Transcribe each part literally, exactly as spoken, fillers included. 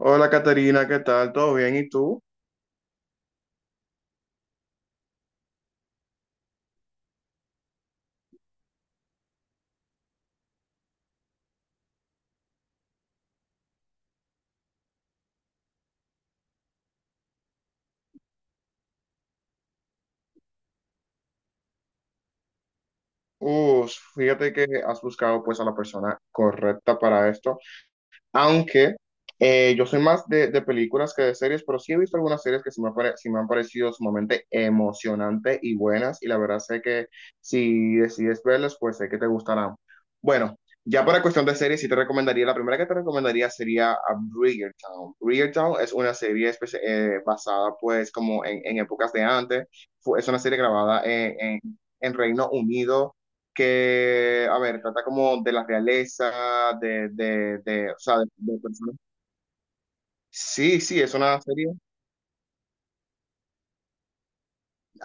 Hola Caterina, ¿qué tal? ¿Todo bien? ¿Y tú? Uf, fíjate que has buscado pues a la persona correcta para esto. Aunque eh, yo soy más de, de películas que de series, pero sí he visto algunas series que sí me, han pare- sí me han parecido sumamente emocionantes y buenas. Y la verdad sé que si decides verlas, pues sé que te gustarán. Bueno, ya para cuestión de series, sí te recomendaría, la primera que te recomendaría sería a Bridgerton. Bridgerton es una serie espe- eh, basada pues como en, en épocas de antes. Fue- es una serie grabada en, en en Reino Unido que, a ver, trata como de la realeza, de, de, de, o sea, de, de personas. Sí, sí, es una serie.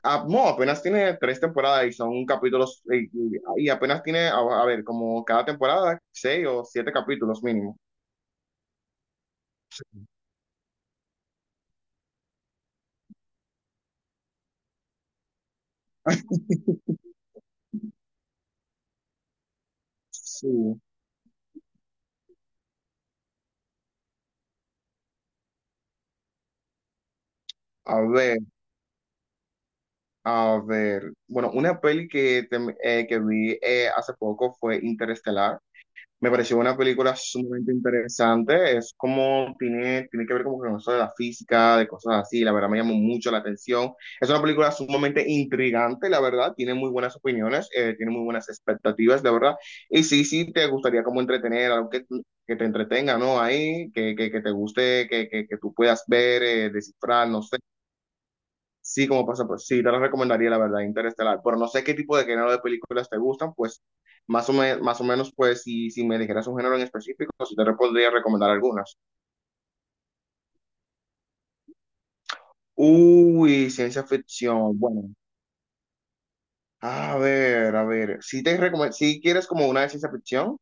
Ah, no, apenas tiene tres temporadas y son capítulos, y, y- y apenas tiene, a, a ver, como cada temporada, seis o siete capítulos mínimo. Sí. A ver, a ver. Bueno, una peli que, te- eh, que vi eh, hace poco fue Interestelar. Me pareció una película sumamente interesante. Es como tiene, tiene que ver como con eso de la física, de cosas así. La verdad me llamó mucho la atención. Es una película sumamente intrigante, la verdad. Tiene muy buenas opiniones, eh, tiene muy buenas expectativas, la verdad. Y sí, sí, te gustaría como entretener, algo que, que te entretenga, ¿no? Ahí, que, que, que te guste, que, que, que tú puedas ver, eh, descifrar, no sé. Sí, como pasa, pues sí, te lo recomendaría, la verdad, Interestelar. Pero no sé qué tipo de género de películas te gustan, pues más o, me- más o menos, pues si, si me dijeras un género en específico, sí te re- podría recomendar algunas. Uy, ciencia ficción. Bueno, a ver, a ver. Si te recome- si quieres como una de ciencia ficción.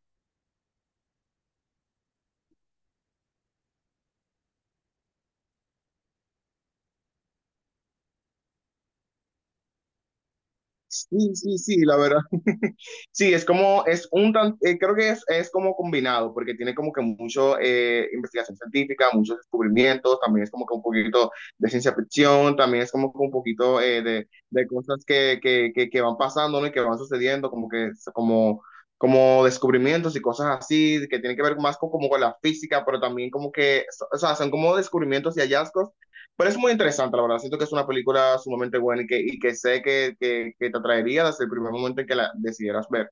Sí, sí, sí, la verdad. Sí, es como, es un tan, eh, creo que es, es como combinado, porque tiene como que mucho eh, investigación científica, muchos descubrimientos, también es como que un poquito de ciencia ficción, también es como que un poquito eh, de, de cosas que, que, que, que van pasando, ¿no? Y que van sucediendo, como que, es como, como descubrimientos y cosas así, que tienen que ver más con, como con la física, pero también como que, so, o sea, son como descubrimientos y hallazgos, pero es muy interesante, la verdad. Siento que es una película sumamente buena y que, y que sé que, que, que te atraería desde el primer momento en que la decidieras ver.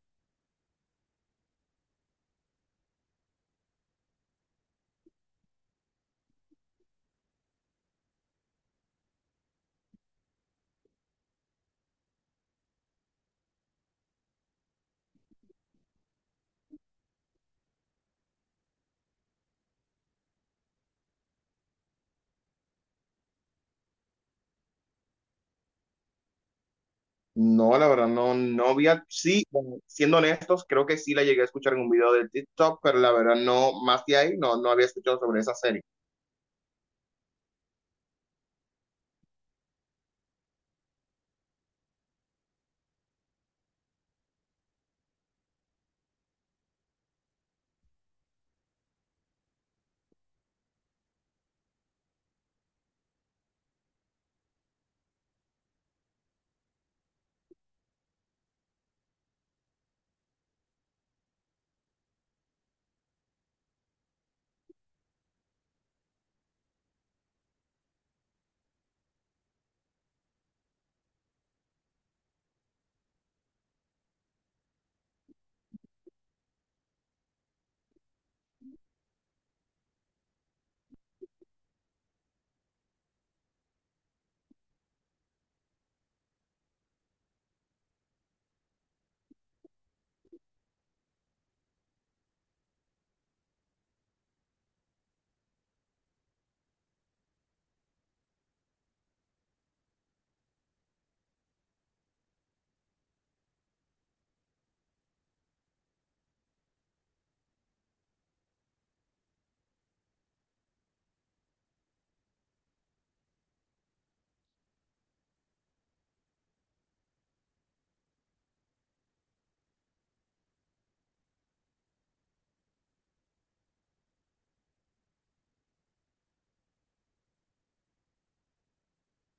No, la verdad, no, no había, sí, bueno, siendo honestos, creo que sí la llegué a escuchar en un video de TikTok, pero la verdad no, más de ahí, no, no había escuchado sobre esa serie.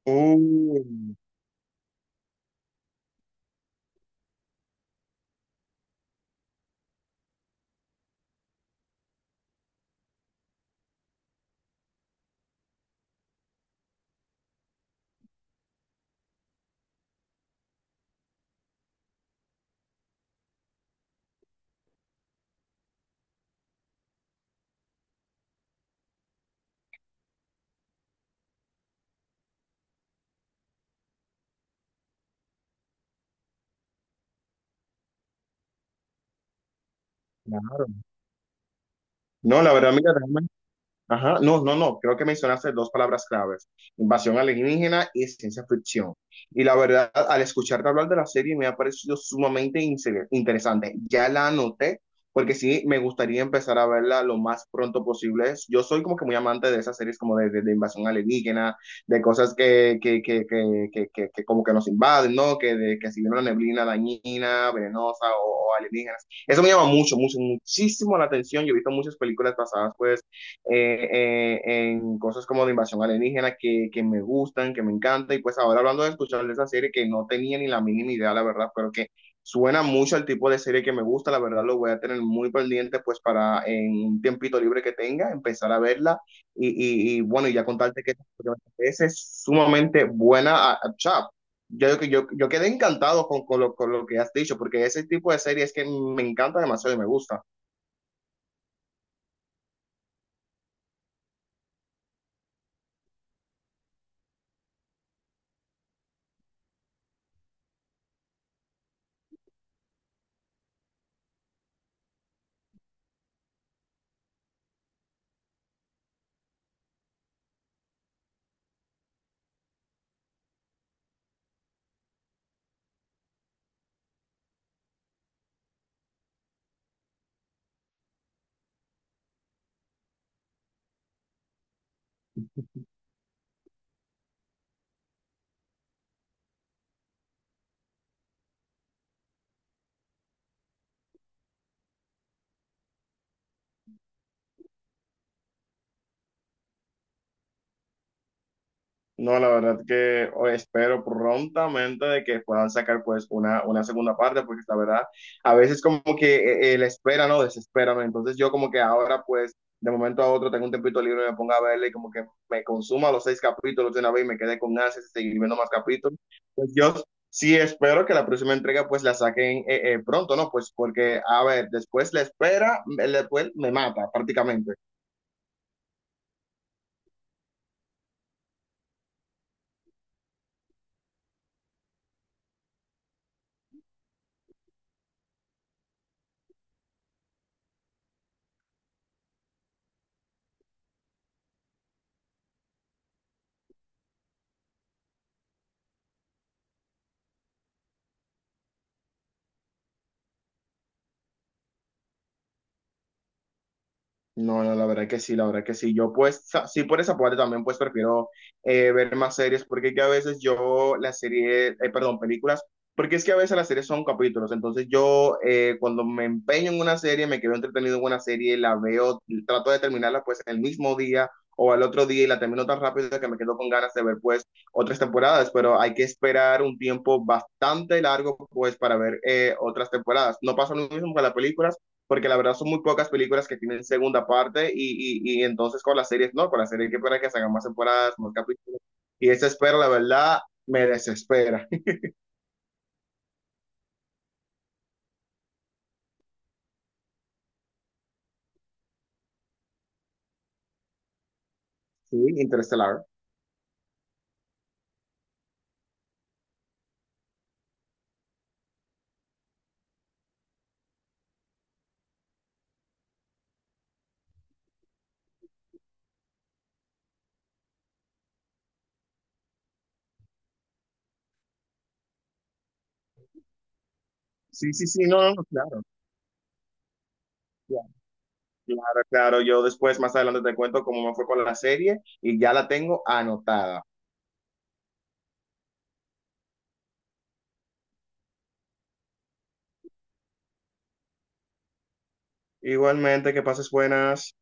Uh, claro. No, la verdad, mira, ajá, no, no, no, creo que mencionaste dos palabras claves, invasión alienígena y ciencia ficción. Y la verdad, al escucharte hablar de la serie me ha parecido sumamente inse- interesante. Ya la anoté porque sí, me gustaría empezar a verla lo más pronto posible. Yo soy como que muy amante de esas series como de, de- de invasión alienígena, de cosas que, que, que, que, que, que- que como que nos invaden, ¿no? Que, de, que si viene una neblina dañina, venenosa o, o alienígenas. Eso me llama mucho, mucho, muchísimo la atención. Yo he visto muchas películas basadas pues eh, eh, en cosas como de invasión alienígena que, que me gustan, que me encanta. Y pues ahora hablando de escuchar de esa serie que no tenía ni la mínima idea, la verdad, pero que suena mucho al tipo de serie que me gusta, la verdad lo voy a tener muy pendiente pues para en un tiempito libre que tenga, empezar a verla y, y, y bueno, y ya contarte que esa es sumamente buena a, a Chap. Yo, yo, yo quedé encantado con, con, lo, con lo que has dicho, porque ese tipo de series que me encanta demasiado y me gusta. No, la verdad que o- espero prontamente de que puedan sacar pues una, una segunda parte, porque la verdad, a veces como que eh, eh, la espera, ¿no? Desespera, ¿no? Entonces yo como que ahora pues de momento a otro tengo un tiempito libre y me pongo a verle y como que me consuma los seis capítulos de una vez y me quedé con ansias de seguir viendo más capítulos. Pues yo sí espero que la próxima entrega pues la saquen eh, eh, pronto, ¿no? Pues porque, a ver, después la espera, eh, después me mata prácticamente. No, no, la verdad que sí, la verdad que sí. Yo pues, sa- sí, por esa parte también pues prefiero eh, ver más series, porque es que a veces yo las series, eh, perdón, películas, porque es que a veces las series son capítulos, entonces yo eh, cuando me empeño en una serie, me quedo entretenido en una serie, la veo, trato de terminarla pues el mismo día o al otro día y la termino tan rápido que me quedo con ganas de ver pues otras temporadas, pero hay que esperar un tiempo bastante largo pues para ver eh, otras temporadas. No pasa lo mismo con las películas porque la verdad son muy pocas películas que tienen segunda parte y, y, y entonces con las series, no, con las series hay que esperar que salgan más temporadas, más capítulos. Y esa espera, la verdad, me desespera. Sí, Interestelar. Sí, sí, sí, no, no, no, claro, claro, claro, claro. Yo después, más adelante, te cuento cómo me fue con la serie y ya la tengo anotada. Igualmente, que pases buenas.